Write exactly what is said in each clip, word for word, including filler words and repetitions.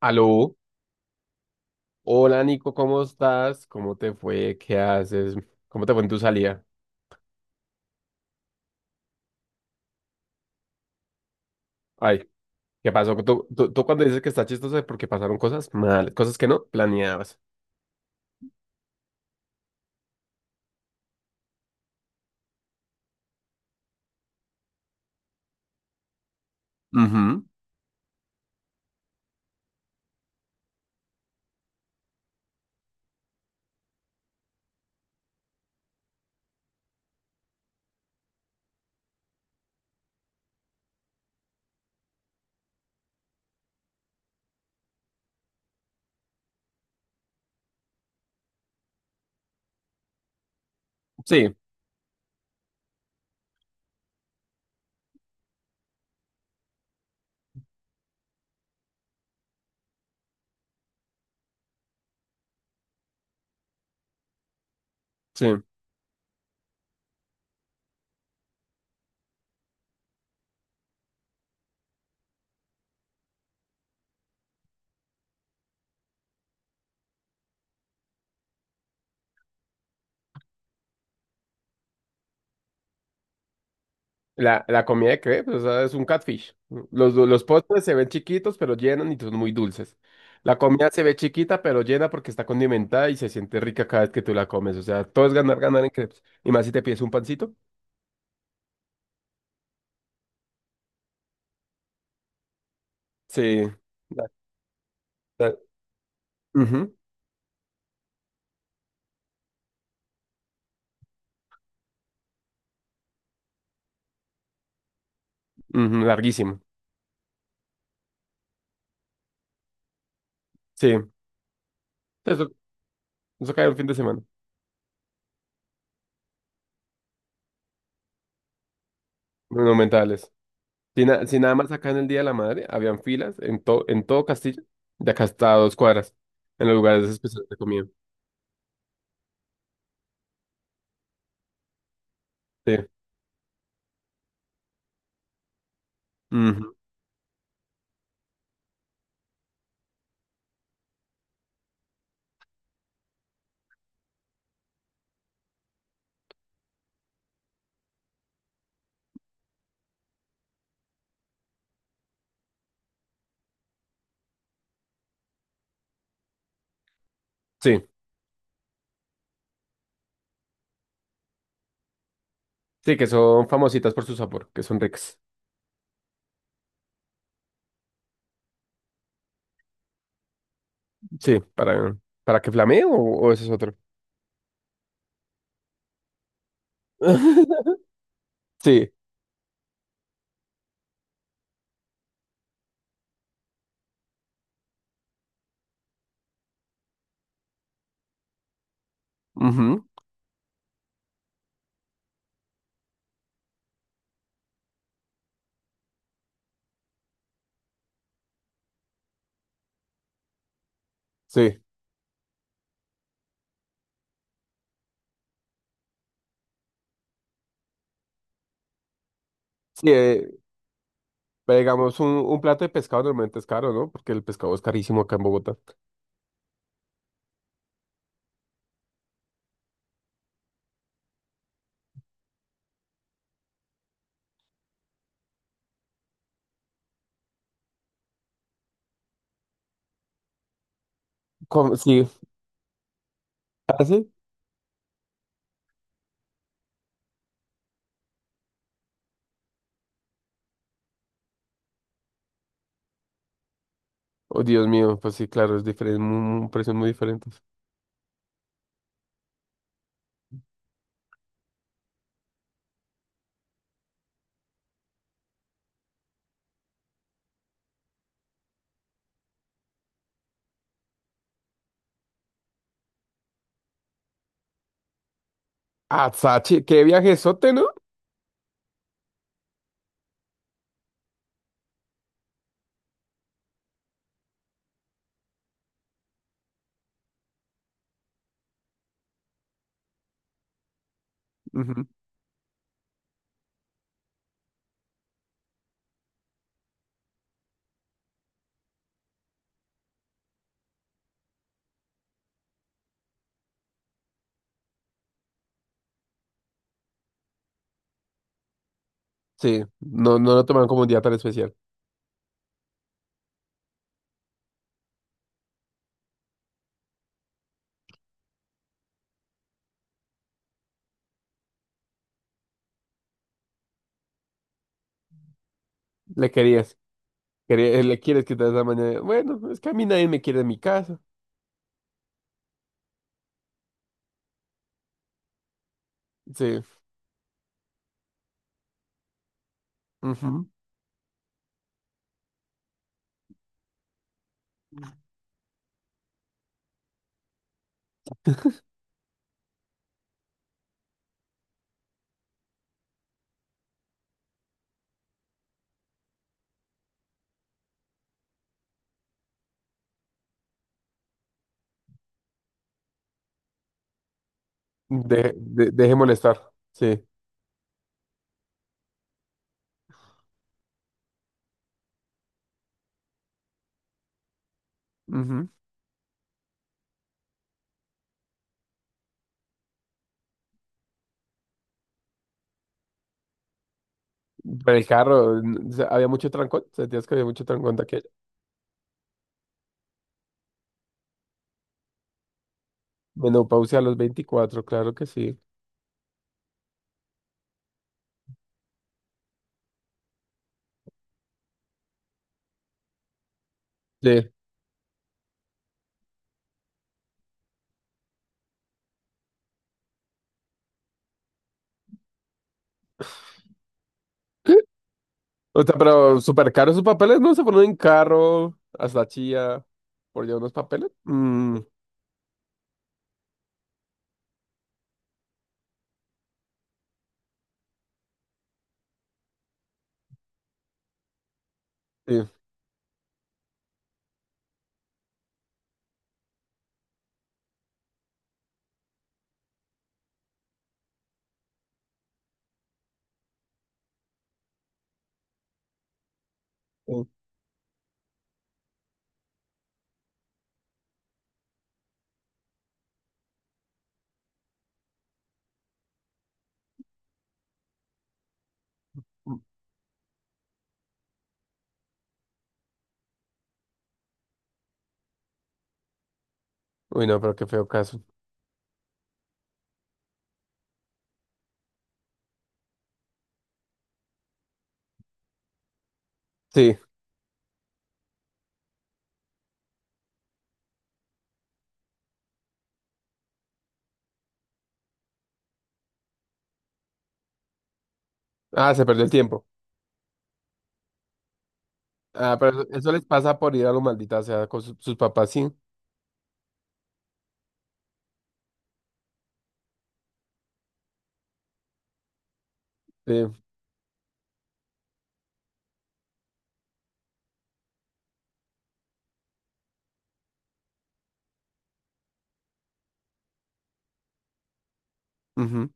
Aló, hola Nico, ¿cómo estás? ¿Cómo te fue? ¿Qué haces? ¿Cómo te fue en tu salida? Ay, ¿qué pasó? Tú, tú- tú cuando dices que está chistoso es porque pasaron cosas mal, cosas que no planeabas. Ujú. Sí, sí. La, la comida de crepes, o sea, es un catfish. Los, du- los postres se ven chiquitos, pero llenan y son muy dulces. La comida se ve chiquita, pero llena porque está condimentada y se siente rica cada vez que tú la comes. O sea, todo es ganar, ganar en crepes. Y más si te pides un pancito. Sí. La- la- Ujú, ujú, larguísimo. Sí, eso, eso cae un fin de semana. Monumentales. Si, na- si nada más acá en el Día de la Madre, habían filas en, to- en todo Castilla, de acá hasta dos cuadras, en los lugares especiales de comida. Sí. Ujú. Sí, sí, que son famositas por su sabor, que son ricas. Sí, para, para que flamee o, o ese es otro. Sí, ujú. Sí, sí, eh, pero digamos, un, un plato de pescado normalmente es caro, ¿no? Porque el pescado es carísimo acá en Bogotá. ¿Cómo? Sí. ¿Ah, sí? Oh, Dios mío, pues sí, claro, es diferente, un precio muy diferente. Ah, Sachi, qué viajezote, ¿no? Ujú. Sí, no, no lo toman como un día tan especial. Le querías, quería- eh, le quieres quitar esa mañana. Bueno, es que a mí nadie me quiere en mi casa. Sí. Ujú. De, de- deje molestar. Sí. Ujú. Pero el carro, n- o sea, había mucho trancón. Sentías que había mucho trancón de aquello. Menopausia a los veinticuatro, claro que sí. Sí. O sea, pero súper caro sus papeles, ¿no? Se ponen en carro hasta Chía por llevar unos papeles. Mm, sí. Mm. Uy, no, pero qué feo caso. Sí. Ah, se perdió el tiempo. Ah, pero eso les pasa por ir a lo maldita sea con su- sus papás, sí. Sí. Ujú.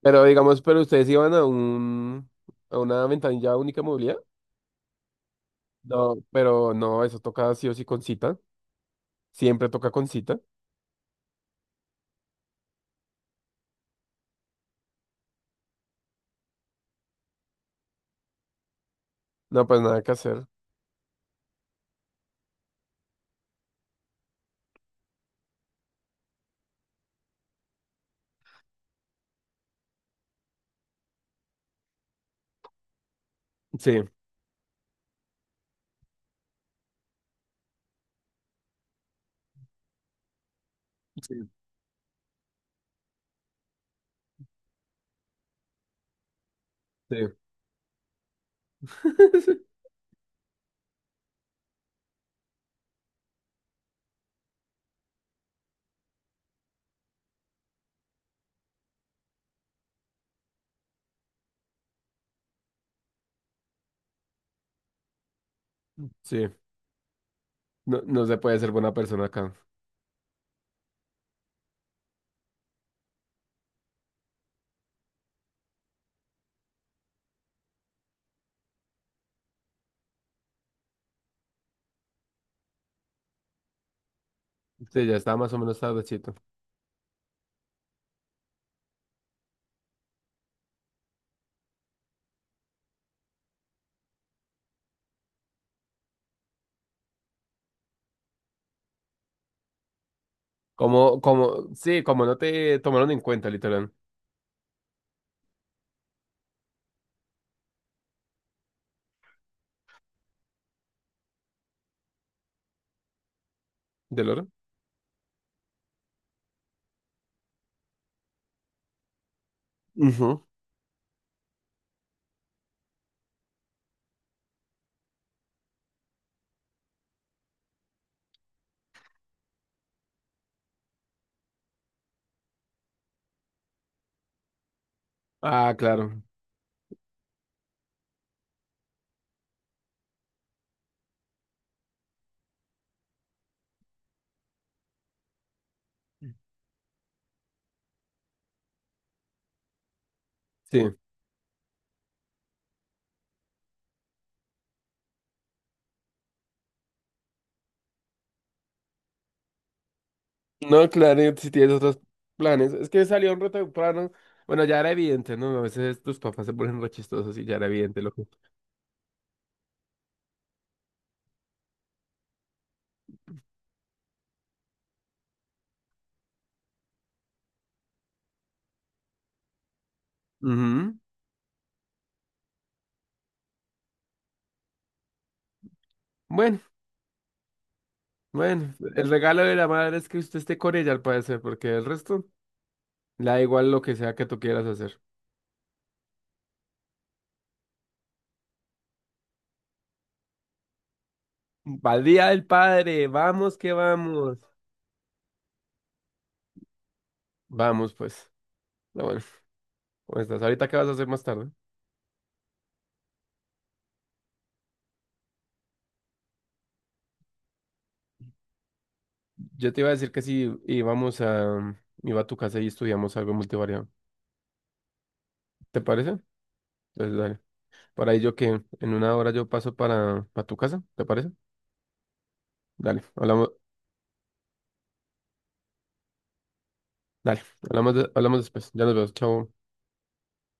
Pero digamos, pero ustedes iban a un, a una ventanilla única de movilidad. No, pero no, eso toca sí o sí con cita. Siempre toca con cita. No, pues nada que hacer. Sí, sí, sí. Sí. No, no se puede ser buena persona acá. Sí, ya está más o menos tardecito. Como, como, sí, como no te tomaron en cuenta, literal. ¿Del oro? Ujú. Ah, claro. Sí. No, claro, y si tienes otros planes. Es que salió un rato temprano. Bueno, ya era evidente, ¿no? A veces tus papás se ponen re chistosos y ya era evidente, loco. Ujú. Bueno, bueno. El regalo de la madre es que usted esté con ella, al parecer, porque el resto le da igual lo que sea que tú quieras hacer. ¡Pal Día del Padre! ¡Vamos que vamos! Vamos, pues. No, bueno. ¿Cómo estás? ¿Ahorita qué vas a hacer más tarde? Yo te iba a decir que si íbamos a... Iba a tu casa y estudiamos algo multivariado. ¿Te parece? Entonces, dale. Por ahí yo que en una hora yo paso para, para tu casa, ¿te parece? Dale, hablamos, dale, hablamos, de- hablamos después. Ya nos vemos, chao.